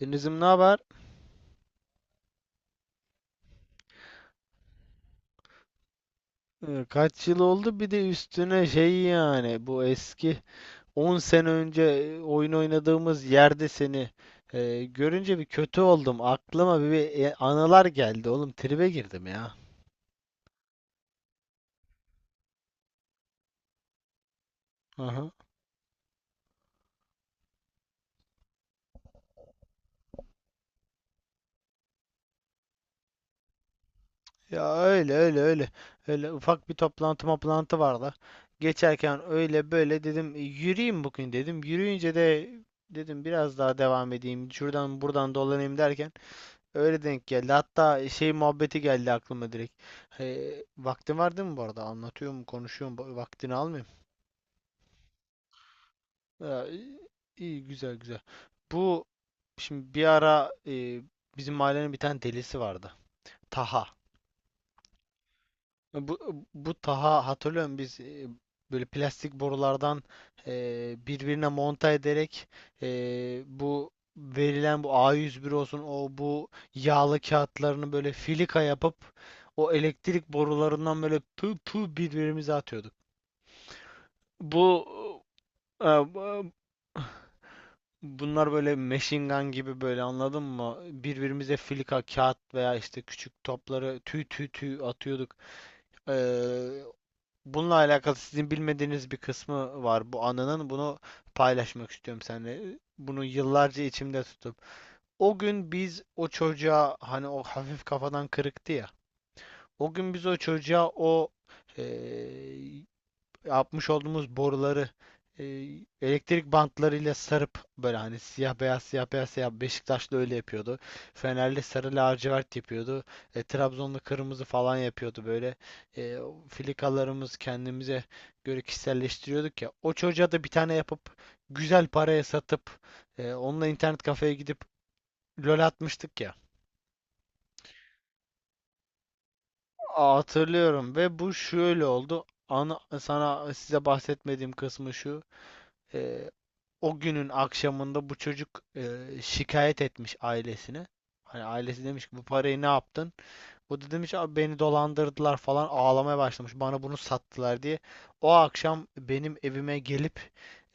Denizim, ne haber? Kaç yıl oldu? Bir de üstüne şey yani bu eski 10 sene önce oyun oynadığımız yerde seni görünce bir kötü oldum. Aklıma bir anılar geldi oğlum. Tribe girdim ya. Aha. Ya öyle öyle öyle. Öyle ufak bir toplantı vardı. Geçerken öyle böyle dedim, "E, yürüyeyim bugün," dedim. Yürüyünce de dedim biraz daha devam edeyim. Şuradan buradan dolanayım derken öyle denk geldi. Hatta şey muhabbeti geldi aklıma direkt. Vaktin var değil mi bu arada? Anlatıyorum, konuşuyorum. Vaktini almayayım. Ya, iyi, iyi, güzel güzel. Bu şimdi bir ara bizim mahallenin bir tane delisi vardı. Taha. Bu, bu Taha, hatırlıyorum. Biz böyle plastik borulardan birbirine monta ederek bu verilen bu A101 olsun, o bu yağlı kağıtlarını böyle filika yapıp o elektrik borularından böyle pı pı birbirimize atıyorduk. Bu e, bu- bunlar böyle machine gun gibi böyle, anladın mı? Birbirimize filika kağıt veya işte küçük topları tüy tüy tüy atıyorduk. Eee, Bununla alakalı sizin bilmediğiniz bir kısmı var bu anının. Bunu paylaşmak istiyorum seninle. Bunu yıllarca içimde tutup. O gün biz o çocuğa, hani o hafif kafadan kırıktı ya. O gün biz o çocuğa o eee, yapmış olduğumuz boruları e, elektrik bantlarıyla sarıp böyle, hani siyah beyaz siyah beyaz siyah, Beşiktaşlı öyle yapıyordu. Fenerli sarı lacivert yapıyordu. Trabzonlu kırmızı falan yapıyordu böyle. E, filikalarımız kendimize göre kişiselleştiriyorduk ya. O çocuğa da bir tane yapıp güzel paraya satıp onunla internet kafeye gidip LOL atmıştık ya. Hatırlıyorum, ve bu şöyle oldu. Ana, size bahsetmediğim kısmı şu. Ee, O günün akşamında bu çocuk şikayet etmiş ailesine. Hani ailesi demiş ki, bu parayı ne yaptın? O da demiş, abi beni dolandırdılar falan, ağlamaya başlamış. Bana bunu sattılar diye. O akşam benim evime gelip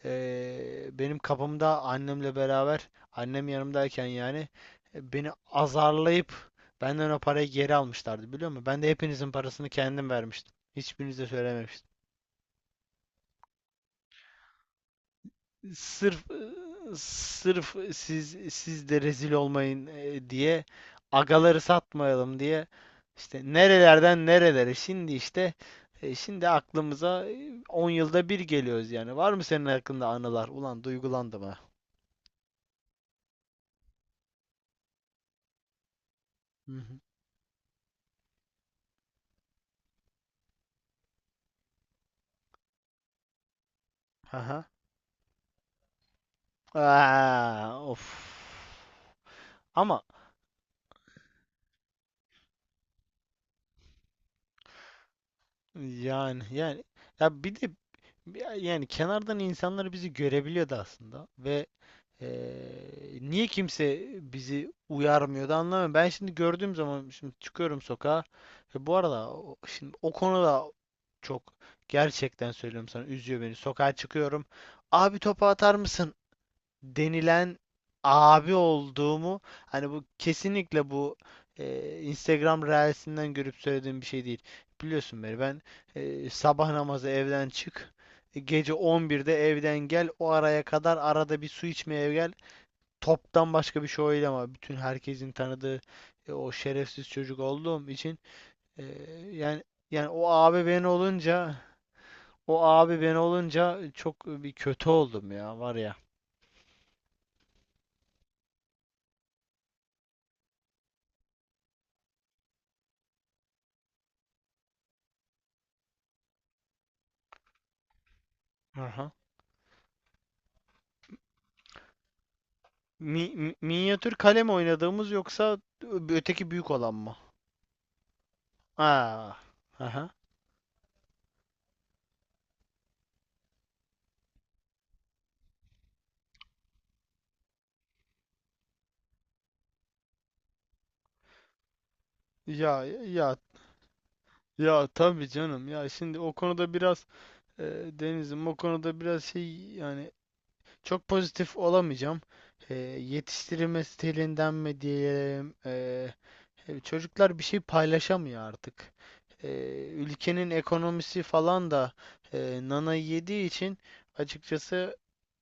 benim kapımda, annemle beraber, annem yanımdayken yani beni azarlayıp benden o parayı geri almışlardı, biliyor musun? Ben de hepinizin parasını kendim vermiştim. Hiçbirinize söylememiştim. sırf e, sırf siz de rezil olmayın diye, agaları satmayalım diye. İşte nerelerden nerelere, şimdi işte şimdi aklımıza 10 yılda bir geliyoruz yani. Var mı senin hakkında anılar? Ulan duygulandım ha. Hı hı. Aha. Of. Ama yani ya, bir de yani kenardan insanlar bizi görebiliyordu aslında. Ve niye kimse bizi uyarmıyor da, anlamıyorum. Ben şimdi gördüğüm zaman, şimdi çıkıyorum sokağa. Ve bu arada şimdi o konuda çok, gerçekten söylüyorum sana, üzüyor beni. Sokağa çıkıyorum. "Abi, topu atar mısın?" denilen abi olduğumu, hani bu kesinlikle bu Instagram Reels'inden görüp söylediğim bir şey değil. Biliyorsun beni, ben sabah namazı evden çık, gece 11'de evden gel. O araya kadar arada bir su içmeye gel, toptan başka bir şey oydu. Ama bütün herkesin tanıdığı o şerefsiz çocuk olduğum için e, yani yani o abi ben olunca, o abi ben olunca çok bir kötü oldum ya, var ya. Aha. Minyatür kalem oynadığımız, yoksa öteki büyük olan mı? Ha. Aha. Ya ya ya tabii canım ya. Şimdi o konuda biraz e, Deniz'im, o konuda biraz şey yani, çok pozitif olamayacağım. Yetiştirilme stilinden mi diyelim? Çocuklar bir şey paylaşamıyor artık. Ülkenin ekonomisi falan da nana yediği için, açıkçası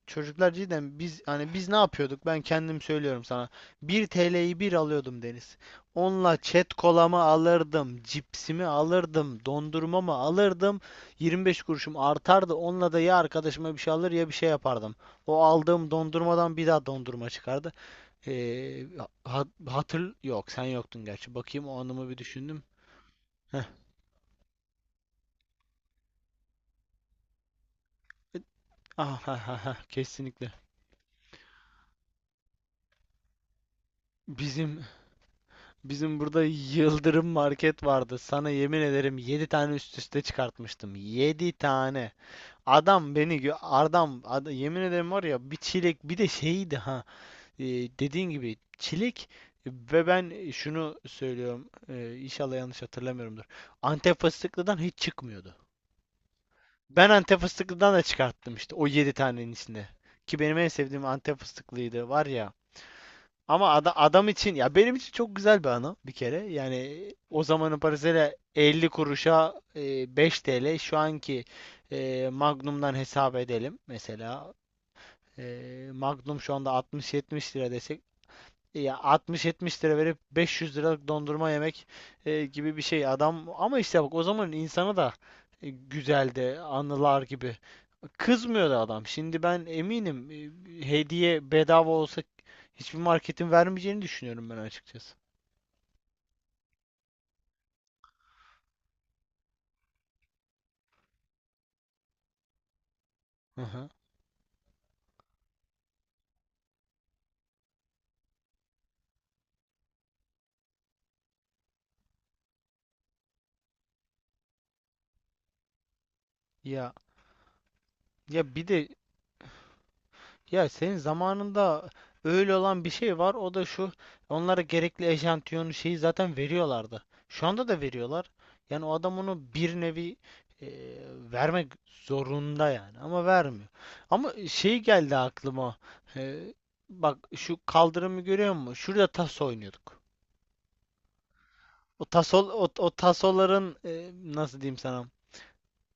çocuklar cidden, biz hani biz ne yapıyorduk? Ben kendim söylüyorum sana. 1 TL'yi bir alıyordum, Deniz. Onunla çet kolamı alırdım, cipsimi alırdım, dondurmamı alırdım. 25 kuruşum artardı. Onunla da ya arkadaşıma bir şey alır ya bir şey yapardım. O aldığım dondurmadan bir daha dondurma çıkardı. Ee, Hatır yok, sen yoktun gerçi. Bakayım, o anımı bir düşündüm. Heh. Ah, ha, ha, ha, kesinlikle. Bizim Bizim burada Yıldırım Market vardı. Sana yemin ederim, 7 tane üst üste çıkartmıştım. 7 tane. Adam beni adam, yemin ederim var ya, bir çilek, bir de şeydi ha. e, Dediğin gibi çilek. Ve ben şunu söylüyorum. İnşallah yanlış hatırlamıyorumdur. Antep fıstıklıdan hiç çıkmıyordu. Ben Antep fıstıklıdan da çıkarttım işte, o 7 tanenin içinde. Ki benim en sevdiğim Antep fıstıklıydı, var ya. Ama adam için, ya benim için, çok güzel bir anı bir kere. Yani o zamanın parasıyla 50 kuruşa, 5 TL şu anki, Magnum'dan hesap edelim mesela. Magnum şu anda 60-70 lira desek, ya 60-70 lira verip 500 liralık dondurma yemek gibi bir şey adam. Ama işte bak, o zamanın insanı da güzeldi anılar gibi. Kızmıyor da adam. Şimdi ben eminim, hediye bedava olsa hiçbir marketin vermeyeceğini düşünüyorum ben açıkçası. Hı hı. Ya ya bir de, ya senin zamanında öyle olan bir şey var. O da şu. Onlara gerekli eşantiyonu şeyi zaten veriyorlardı. Şu anda da veriyorlar. Yani o adam onu bir nevi e, vermek zorunda yani, ama vermiyor. Ama şey geldi aklıma. E, Bak şu kaldırımı görüyor musun? Şurada tas oynuyorduk. O tasoların nasıl diyeyim sana?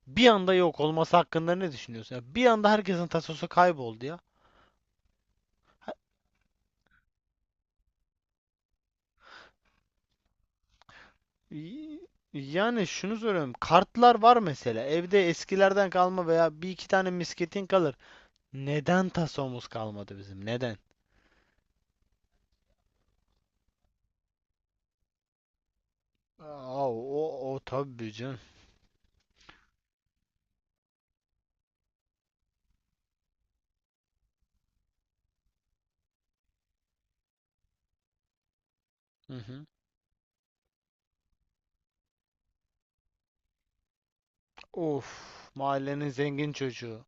Bir anda yok olması hakkında ne düşünüyorsun? Ya bir anda herkesin tasosu kayboldu ya. Y- Yani şunu soruyorum. Kartlar var mesela. Evde eskilerden kalma veya bir iki tane misketin kalır. Neden tasomuz kalmadı bizim? Neden? Aa, o o tabii canım. Hı hı. Of, mahallenin zengin çocuğu.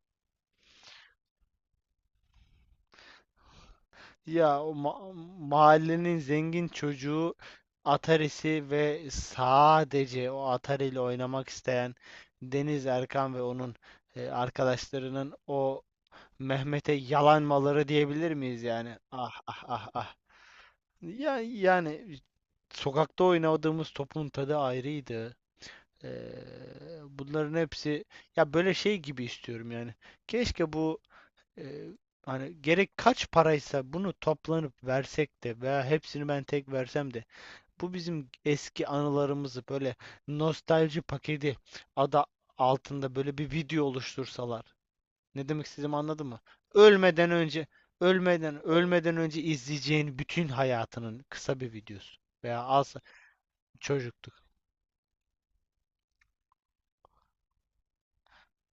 Ya o mahallenin zengin çocuğu, Atari'si ve sadece o Atari ile oynamak isteyen Deniz Erkan ve onun arkadaşlarının o Mehmet'e yalanmaları diyebilir miyiz yani? Ah ah ah ah. Ya, yani sokakta oynadığımız topun tadı ayrıydı. Bunların hepsi, ya böyle şey gibi istiyorum yani. Keşke bu ee, hani gerek kaç paraysa bunu toplanıp versek de veya hepsini ben tek versem de bu bizim eski anılarımızı böyle nostalji paketi adı altında böyle bir video oluştursalar. Ne demek istediğimi anladın mı? Ölmeden önce, ölmeden önce izleyeceğin bütün hayatının kısa bir videosu veya az çocukluk.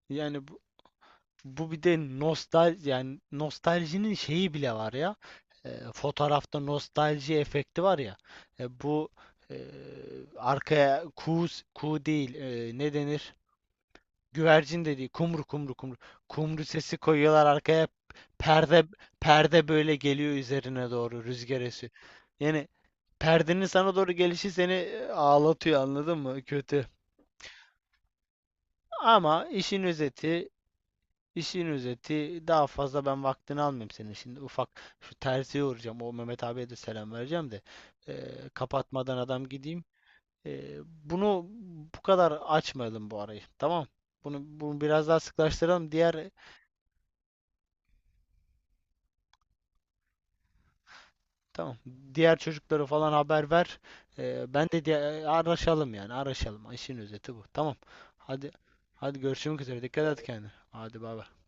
Yani bu bir de, nostal yani nostaljinin şeyi bile var ya. Fotoğrafta nostalji efekti var ya. Bu e, arkaya kuğu, kuğu değil, ne denir? Güvercin de, Kumru, kumru kumru. Kumru sesi koyuyorlar arkaya. Perde perde böyle geliyor üzerine doğru, rüzgar esiyor. Yani perdenin sana doğru gelişi seni ağlatıyor, anladın mı? Kötü. Ama işin özeti İşin özeti, daha fazla ben vaktini almayayım senin. Şimdi ufak şu terziye uğrayacağım. O Mehmet abiye de selam vereceğim de, kapatmadan adam gideyim. Bunu bu kadar açmayalım bu arayı. Tamam. Bunu biraz daha sıklaştıralım. Tamam. Diğer çocuklara falan haber ver. Ben de araşalım yani araşalım. İşin özeti bu. Tamam. Hadi, hadi görüşmek üzere. Dikkat et kendine. Hadi bay bay.